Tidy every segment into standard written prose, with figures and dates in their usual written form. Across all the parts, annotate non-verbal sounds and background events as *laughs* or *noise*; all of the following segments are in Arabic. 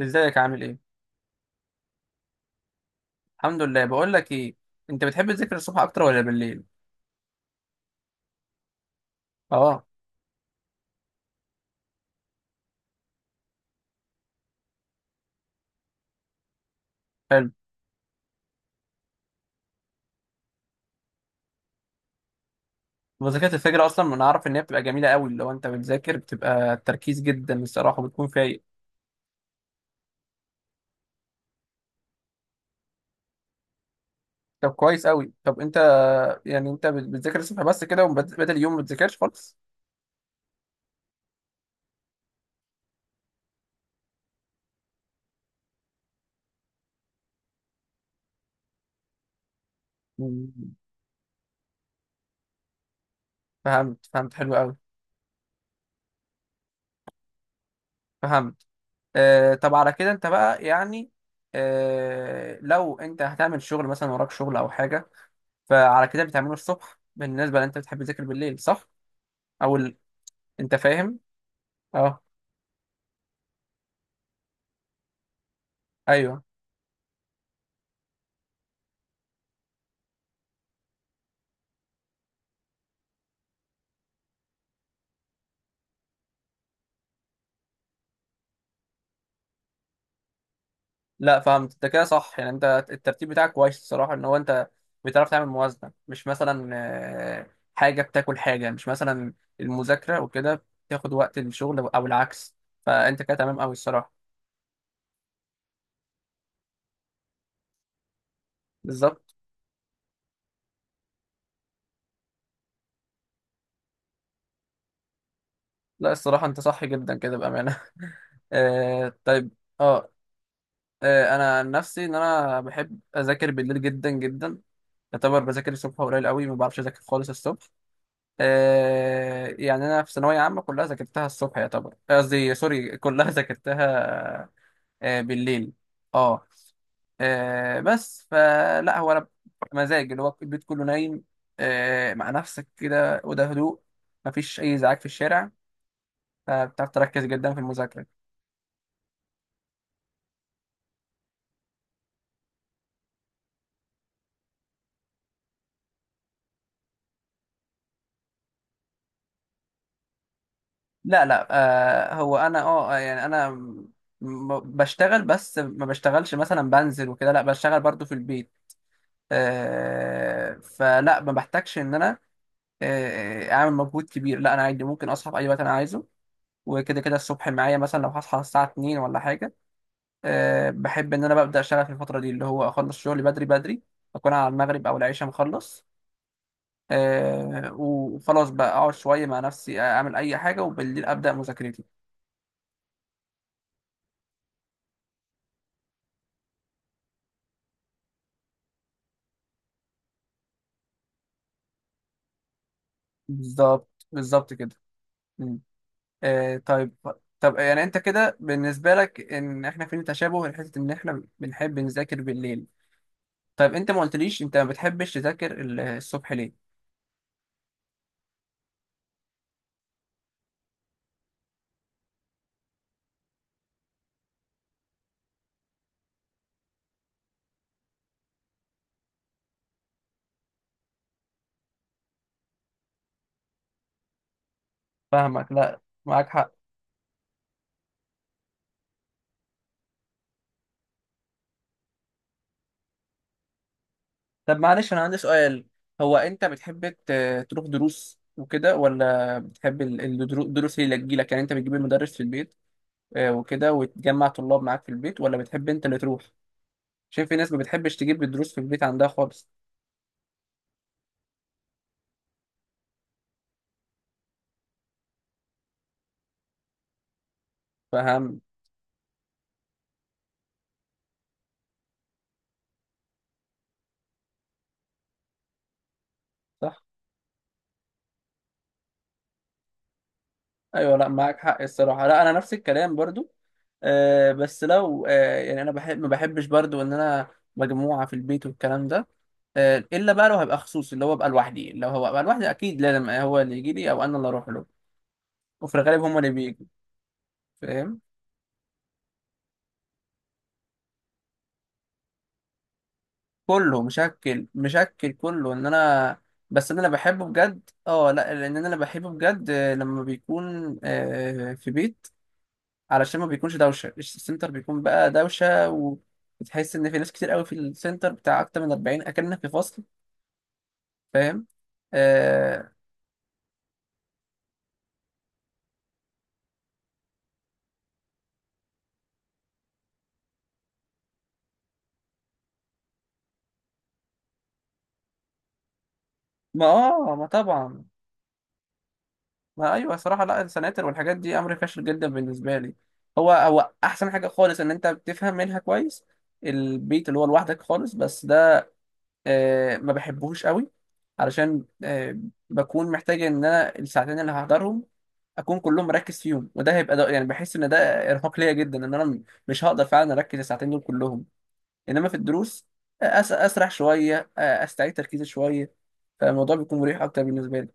ازيك؟ عامل ايه؟ الحمد لله. بقول لك ايه، انت بتحب تذاكر الصبح اكتر ولا بالليل؟ اه. حلو. وذاكرة الفجر اصلا انا اعرف ان هي بتبقى جميله قوي، لو انت بتذاكر بتبقى تركيز جدا الصراحه وبتكون فايق. طب كويس قوي. طب انت، يعني انت بتذاكر الصبح بس كده، وبدل اليوم ما بتذاكرش خالص؟ مم. فهمت فهمت حلو قوي. فهمت. آه، طب على كده انت بقى يعني لو انت هتعمل شغل مثلا وراك شغل او حاجه، فعلى كده بتعمله الصبح، بالنسبه لان انت بتحب تذاكر بالليل، صح؟ او ال- انت فاهم؟ اه. ايوه. لا فهمت انت كده صح، يعني انت الترتيب بتاعك كويس الصراحه ان هو انت بتعرف تعمل موازنه، مش مثلا آه، حاجه بتاكل حاجه، مش مثلا المذاكره وكده بتاخد وقت الشغل او العكس، فانت كده تمام قوي الصراحه. بالظبط. لا الصراحه انت صح جدا كده بامانه. *laughs* طيب. اه انا عن نفسي ان انا بحب اذاكر بالليل جدا جدا. يعتبر بذاكر الصبح قليل قوي، ما بعرفش اذاكر خالص الصبح. آه، يعني انا في ثانويه عامه كلها ذاكرتها الصبح يعتبر، قصدي سوري، كلها *laughs* ذاكرتها بالليل. اه. بس فلا هو انا مزاج اللي هو البيت كله نايم، مع نفسك كده وده هدوء، مفيش اي ازعاج في الشارع، فبتعرف تركز جدا في المذاكره. لا لا. هو انا يعني انا بشتغل بس ما بشتغلش مثلا بنزل وكده، لا بشتغل برضو في البيت. فلا ما بحتاجش ان انا آه، اعمل مجهود كبير، لا انا عادي ممكن اصحى في اي وقت انا عايزه. وكده كده الصبح معايا، مثلا لو هصحى الساعه 2 ولا حاجه، أه بحب ان انا ببدا اشتغل في الفتره دي اللي هو اخلص شغلي بدري بدري، اكون على المغرب او العشاء مخلص. أه، وخلاص بقى اقعد شويه مع نفسي اعمل اي حاجه وبالليل ابدا مذاكرتي. بالظبط بالظبط كده. مم. أه، طيب. طب، يعني انت كده بالنسبه لك ان احنا فين تشابه لحته ان احنا بنحب نذاكر بالليل. طيب انت ما قلتليش انت ما بتحبش تذاكر الصبح ليه؟ فاهمك. لا معاك حق. طب معلش انا عندي سؤال، هو انت بتحب تروح دروس وكده، ولا بتحب الدروس هي اللي تجيلك، يعني انت بتجيب المدرس في البيت آه، وكده وتجمع طلاب معاك في البيت، ولا بتحب انت اللي تروح؟ عشان في ناس ما بتحبش تجيب الدروس في البيت عندها خالص. فاهم؟ صح. ايوه لا معاك حق الصراحه، لا انا نفس الكلام برضو. بس لو آه، يعني انا بحب ما بحبش برضو ان انا مجموعه في البيت والكلام ده. الا بقى لو هبقى خصوصي اللي هو ابقى لوحدي، لو هو ابقى لوحدي اكيد لازم هو اللي يجي لي او انا اللي اروح له، وفي الغالب هم اللي بيجوا. فاهم؟ كله مشكل مشكل كله ان انا، بس إن انا بحبه بجد. اه لا لان انا بحبه بجد آه، لما بيكون آه، في بيت. علشان ما بيكونش دوشه، السنتر بيكون بقى دوشه وبتحس ان في ناس كتير قوي في السنتر بتاع اكتر من 40 اكنك في فصل. فاهم؟ آه ما اه ما طبعا. ما ايوه صراحه، لا السناتر والحاجات دي امر فاشل جدا بالنسبه لي. هو هو احسن حاجه خالص ان انت بتفهم منها كويس البيت، اللي هو لوحدك خالص. بس آه، ما بحبهوش قوي علشان آه، بكون محتاج ان انا الساعتين اللي هحضرهم اكون كلهم مركز فيهم، وده هيبقى، ده يعني بحس ان ده ارهاق ليا جدا، ان انا مش هقدر فعلا اركز الساعتين دول كلهم. انما في الدروس آه، اسرح شويه آه، استعيد تركيزي شويه، فالموضوع بيكون مريح اكتر بالنسبه لي.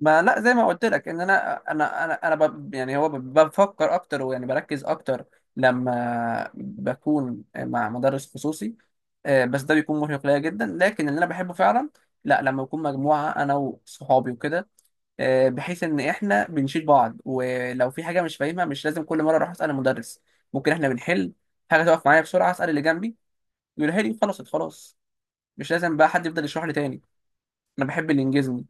ما لا زي ما قلت لك ان انا يعني هو بفكر اكتر ويعني بركز اكتر لما بكون مع مدرس خصوصي. آه، بس ده بيكون مرهق ليا جدا، لكن اللي انا بحبه فعلا، لا لما يكون مجموعه انا وصحابي وكده آه، بحيث ان احنا بنشيل بعض ولو في حاجه مش فاهمها مش لازم كل مره اروح اسال المدرس، ممكن احنا بنحل، حاجه تقف معايا بسرعه اسال اللي جنبي يقولها لي، خلاص خلاص مش لازم بقى حد يفضل يشرح لي تاني. انا بحب اللي ينجزني.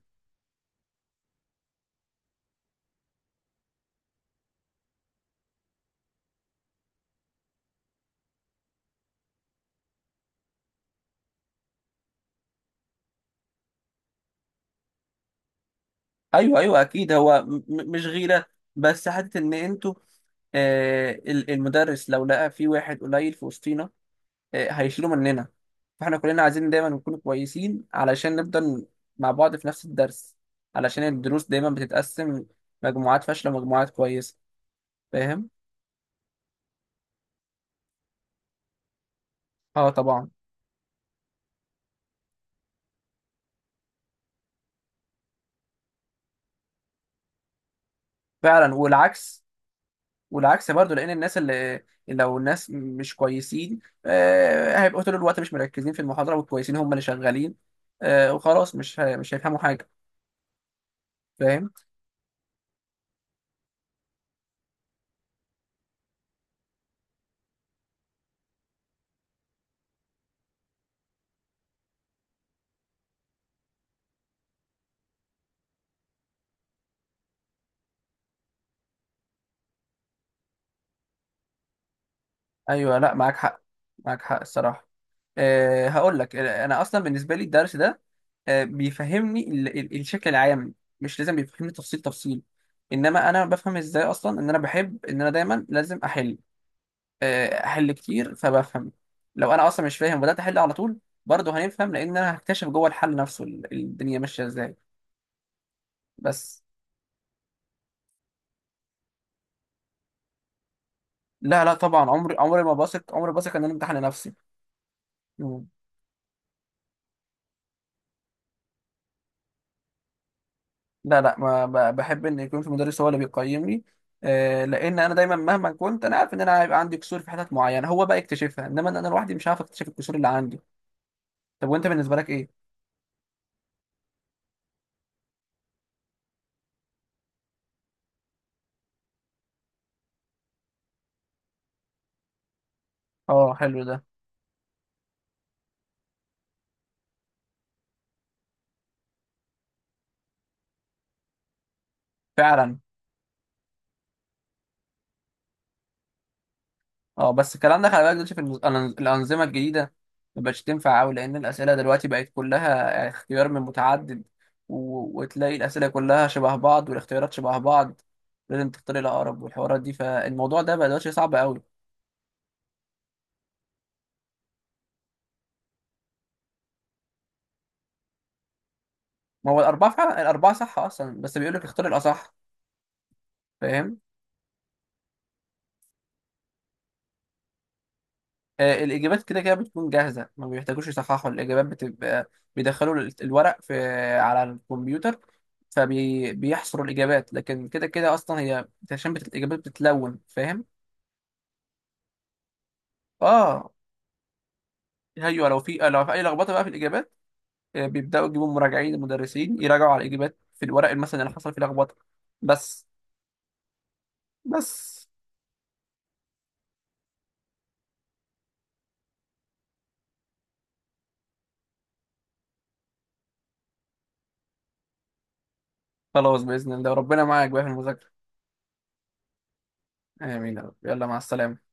ايوه ايوه اكيد هو مش غيره، بس حته ان انتوا آه، المدرس لو لقى في واحد قليل في وسطينا آه، هيشيله مننا، فاحنا كلنا عايزين دايما نكون كويسين علشان نفضل مع بعض في نفس الدرس، علشان الدروس دايما بتتقسم مجموعات فاشلة ومجموعات كويسة. فاهم؟ اه طبعا. فعلا. والعكس، والعكس برضو، لان الناس اللي، لو الناس مش كويسين آه، هيبقوا طول الوقت مش مركزين في المحاضره والكويسين هم اللي شغالين آه، وخلاص مش مش هيفهموا حاجه. فاهم؟ ايوه لا معاك حق. معاك حق الصراحه. آه، هقول لك آه، انا اصلا بالنسبه لي الدرس ده آه، بيفهمني الشكل العام، مش لازم بيفهمني تفصيل تفصيل. انما انا بفهم ازاي اصلا ان انا بحب ان انا دايما لازم احل آه، احل كتير فبفهم. لو انا اصلا مش فاهم وبدات احل على طول، برضه هنفهم لان انا هكتشف جوه الحل نفسه الدنيا ماشيه ازاي. بس. لا لا طبعا، عمري عمري ما بثق، عمري ما بثق ان انا امتحن نفسي. مم. لا لا ما بحب ان يكون في مدرس هو اللي بيقيمني، آه، لان انا دايما مهما كنت انا عارف ان انا هيبقى عندي كسور في حتت معينه هو بقى يكتشفها، انما انا لوحدي مش عارف اكتشف الكسور اللي عندي. طب وانت بالنسبه لك ايه؟ اه حلو ده. فعلا. اه بس الكلام ده خلي بالك دلوقتي في الانظمه الجديده، ما بقتش تنفع قوي لان الاسئله دلوقتي بقت كلها اختيار من متعدد، وتلاقي الاسئله كلها شبه بعض والاختيارات شبه بعض، لازم تختار الاقرب والحوارات دي، فالموضوع ده بقى دلوقتي صعب قوي. ما هو الاربعه فعلا، الاربعه صح اصلا، بس بيقول لك اختار الاصح. فاهم؟ آه، الإجابات كده كده بتكون جاهزة، ما بيحتاجوش يصححوا الإجابات، بتبقى بيدخلوا الورق في، على الكمبيوتر، فبيحصروا الإجابات. لكن كده كده أصلا هي عشان الإجابات بتتلون. فاهم؟ آه. أيوه، لو في أي لخبطة بقى في الإجابات آه، بيبدأوا يجيبوا مراجعين المدرسين يراجعوا على الإجابات في الورق مثلا اللي حصل فيه لخبطة. بس بس خلاص، بإذن الله ربنا معاك بقى في المذاكرة. آمين يا رب. يلا مع السلامة.